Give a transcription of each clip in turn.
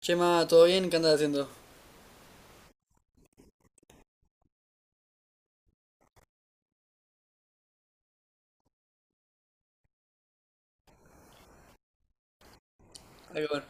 Chema, ¿todo bien? ¿Qué andas haciendo? Ah, qué bueno.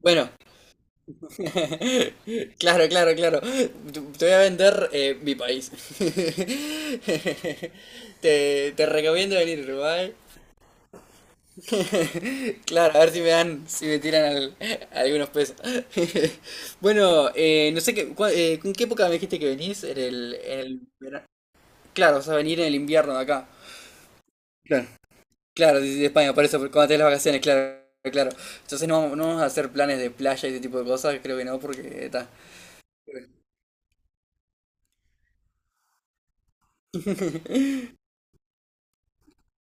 Bueno, claro, claro, claro. Te voy a vender mi país. Te recomiendo venir a Uruguay. Claro, a ver si me dan, si me tiran algunos pesos. Bueno, no sé qué, ¿en qué época me dijiste que venís? En el verano. Claro, o sea, venir en el invierno de acá. Claro. Claro, sí, sí, de España, por eso, cuando tenés las vacaciones, claro, claro. Entonces no, no vamos a hacer planes de playa y ese tipo de cosas, creo que no, porque está.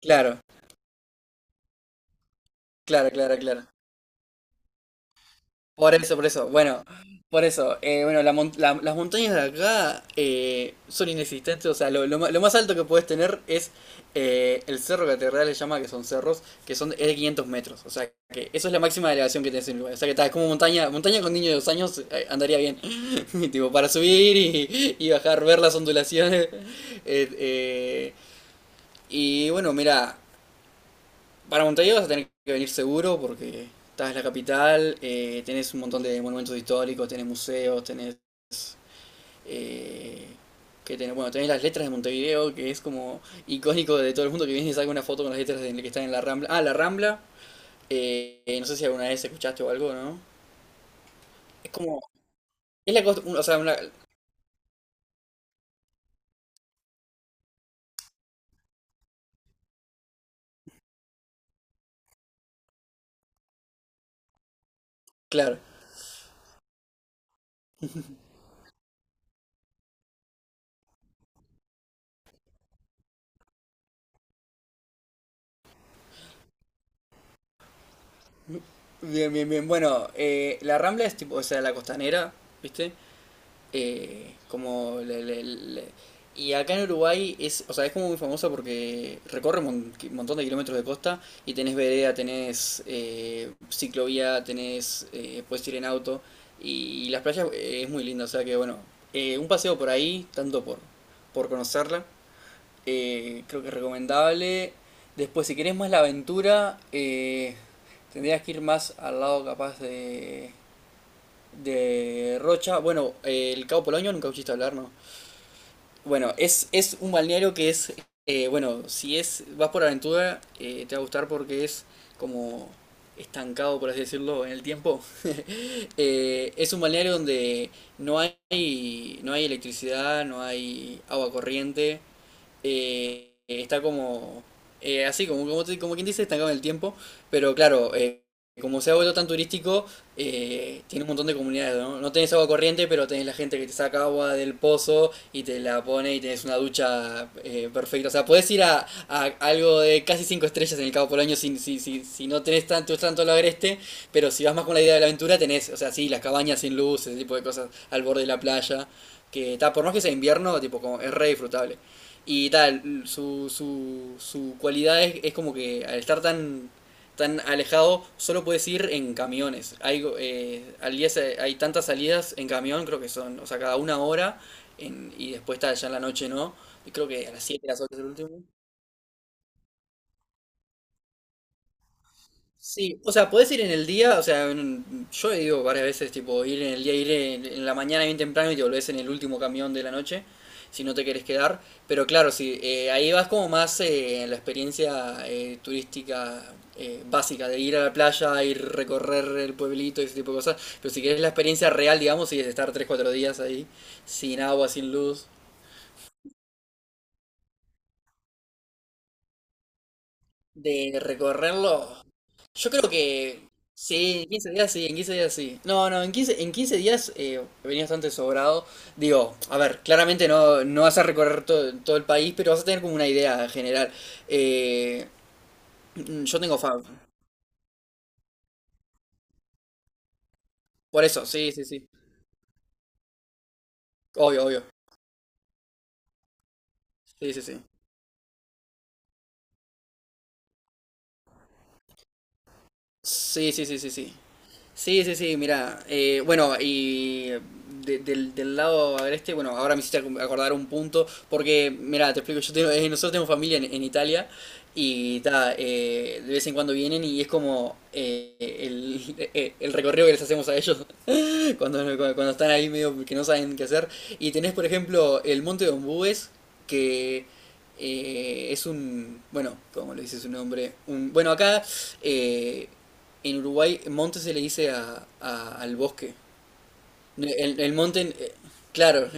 Claro, claro, claro, claro. Por eso, por eso. Bueno, por eso. Bueno, las montañas de acá son inexistentes. O sea, lo más alto que puedes tener es el Cerro Catedral, le llama que son cerros, que son es de 500 metros. O sea, que eso es la máxima elevación que tenés en Uruguay. O sea, que tal, es como montaña. Montaña con niños de 2 años andaría bien. Tipo, para subir y bajar, ver las ondulaciones. Eh, eh, y bueno, mira. Para Montevideo vas a tener que venir seguro porque estás en la capital, tenés un montón de monumentos históricos, tenés museos, eh, bueno, tenés las letras de Montevideo, que es como icónico de todo el mundo que viene y saca una foto con las letras de que están en la Rambla. Ah, la Rambla, no sé si alguna vez escuchaste o algo, ¿no? Es como, es la costa, o sea, una, claro. Bien, bien, bien. Bueno, la Rambla es tipo, o sea, la costanera, ¿viste? Como el- y acá en Uruguay es, o sea, es como muy famosa porque recorre montón de kilómetros de costa y tenés vereda, tenés ciclovía, tenés, puedes ir en auto y, las playas es muy linda, o sea que bueno, un paseo por ahí, tanto por conocerla, creo que es recomendable. Después, si querés más la aventura, tendrías que ir más al lado capaz de Rocha. Bueno, el Cabo Polonio nunca escuchaste hablar, ¿no? Bueno, es un balneario que es, bueno, si es vas por aventura, te va a gustar porque es como estancado, por así decirlo, en el tiempo. Es un balneario donde no hay electricidad, no hay agua corriente, está como así, como, como, como quien dice, estancado en el tiempo, pero claro, como se ha vuelto tan turístico, tiene un montón de comunidades, ¿no? No tenés agua corriente, pero tenés la gente que te saca agua del pozo y te la pone y tenés una ducha perfecta. O sea, podés ir a algo de casi 5 estrellas en el Cabo Polonio si no tenés tanto, tanto lo agreste, pero si vas más con la idea de la aventura, tenés, o sea, sí, las cabañas sin luz, ese tipo de cosas al borde de la playa, que está, por más que sea invierno, tipo, como, es re disfrutable. Y tal, su cualidad es como que al estar tan, tan alejado, solo puedes ir en camiones. Hay, al día hay tantas salidas en camión, creo que son, o sea, cada una hora, y después está ya en la noche, ¿no? Y creo que a las 7 las 8 es el último. Sí, o sea, podés ir en el día, o sea, yo he ido varias veces, tipo, ir en el día, ir en la mañana bien temprano y te volvés en el último camión de la noche, si no te querés quedar. Pero claro, sí, ahí vas como más en la experiencia turística básica, de ir a la playa, ir recorrer el pueblito y ese tipo de cosas. Pero si querés la experiencia real, digamos, sí, es estar tres cuatro días ahí, sin agua, sin luz. De recorrerlo. Yo creo que sí, en 15 días sí, en 15 días sí. No, no, en quince días venía bastante sobrado. Digo, a ver, claramente no, no vas a recorrer todo, todo el país, pero vas a tener como una idea general. Eh, yo tengo fab. Por eso, sí, sí, sí. Obvio, obvio. Sí, sí, sí. Sí, sí, sí, sí, sí. Sí, sí, sí, mira, bueno, y del lado agreste, bueno, ahora me hiciste acordar un punto, porque, mira, te explico, nosotros tenemos familia en Italia y ta, de vez en cuando vienen y es como el, el recorrido que les hacemos a ellos cuando están ahí medio que no saben qué hacer. Y tenés, por ejemplo, el Monte de Ombúes, que es un, bueno, como le dice su nombre, un, bueno, acá eh, en Uruguay monte se le dice al bosque. El monte, claro,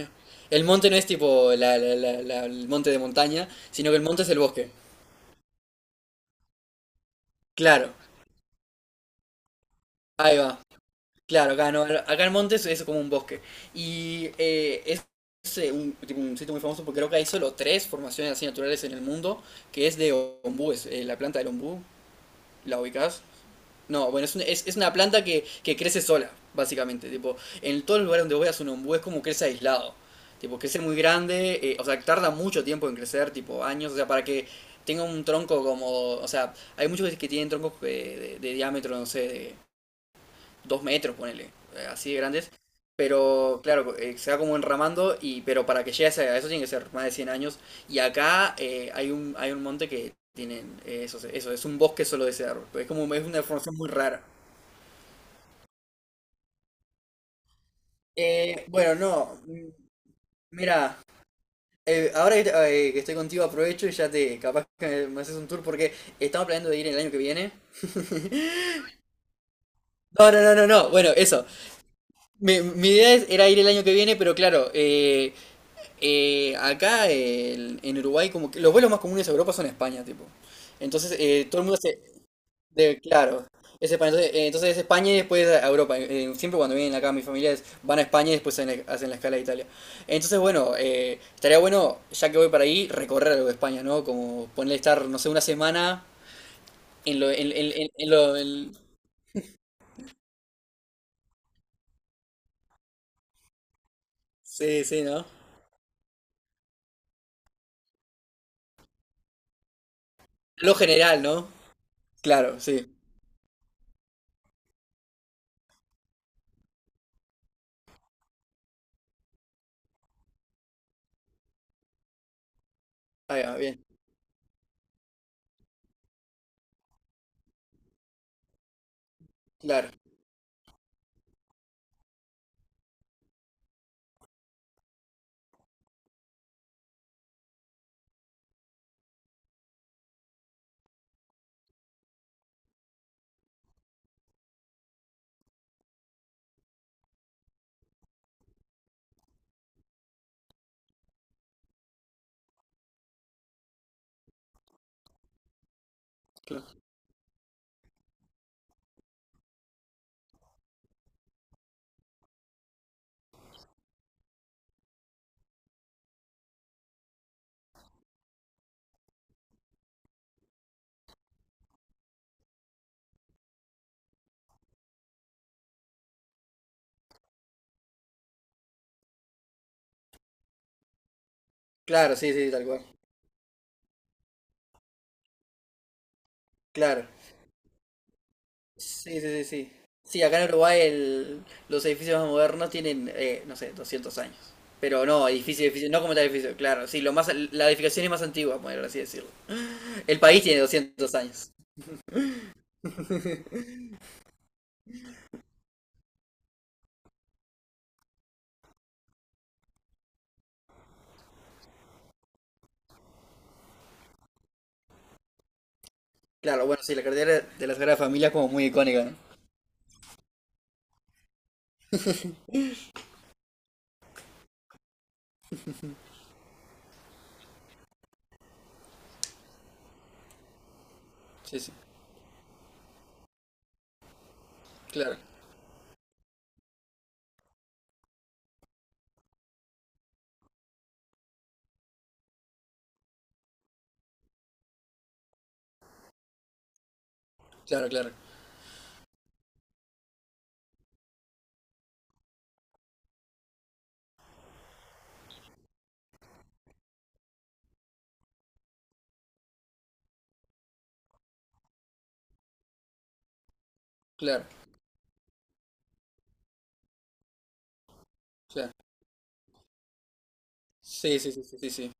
el monte no es tipo el monte de montaña, sino que el monte es el bosque. Claro, ahí va. Claro, acá no, acá en Montes es como un bosque. Y es un, tipo, un sitio muy famoso porque creo que hay solo tres formaciones así naturales en el mundo, que es de ombú, la planta del ombú, ¿la ubicás? No, bueno, es una planta que crece sola, básicamente. Tipo, en todos los lugares donde voy a un ombú es como crece aislado. Tipo, crece muy grande, o sea, tarda mucho tiempo en crecer, tipo años, o sea, para que tenga un tronco como, o sea, hay muchos que tienen troncos de diámetro, no sé, de 2 metros, ponele, así de grandes. Pero claro, se va como enramando, y, pero para que llegue a eso tiene que ser más de 100 años. Y acá hay un monte que tienen eso, eso, es un bosque solo de cedro. Es como es una formación muy rara. Bueno, no, mira, ahora que, que estoy contigo aprovecho y ya te, capaz que me haces un tour porque estamos planeando de ir el año que viene. No, no, no, no, no, bueno, eso. Mi idea era ir el año que viene, pero claro. Acá en Uruguay, como que los vuelos más comunes a Europa son a España, tipo. Entonces, todo el mundo se. Claro. Es España. Entonces, entonces es España y después a Europa. Siempre cuando vienen acá mis familiares van a España y después hacen la escala de Italia. Entonces, bueno, estaría bueno, ya que voy para ahí, recorrer algo de España, ¿no? Como ponerle estar, no sé, una semana en lo. Sí, sí, ¿no? Lo general, ¿no? Claro, sí. Ahí va, bien. Claro, cl- claro, sí, sí, tal cual. Claro. Sí, sí, sí, sí. Sí, acá en Uruguay los edificios más modernos tienen, no sé, 200 años. Pero no, edificio, edificio, no como tal edificio, claro. Sí, lo más, la edificación es más antigua, por así decirlo. El país tiene 200 años. Claro, bueno, sí, la cartera de la Sagrada Familia es como muy icónica, ¿no? Sí, sí, claro, claro, claro, claro, claro. Sí, sí, sí, sí, sí, sí.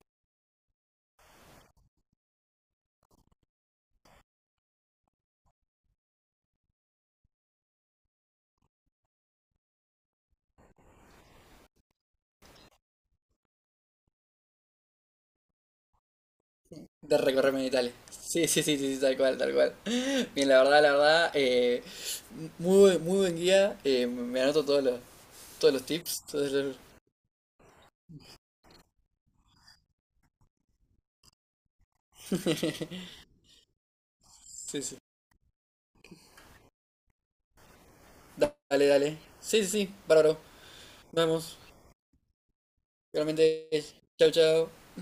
De recorrerme en Italia. Sí, sí, sí, sí, sí, tal cual, tal cual. Bien, la verdad, muy, muy buen guía. Me anoto todos los tips, todos los, Sí, sí. Dale, dale. Sí, sí, sí, bárbaro. Nos vemos. Realmente, chao, chao.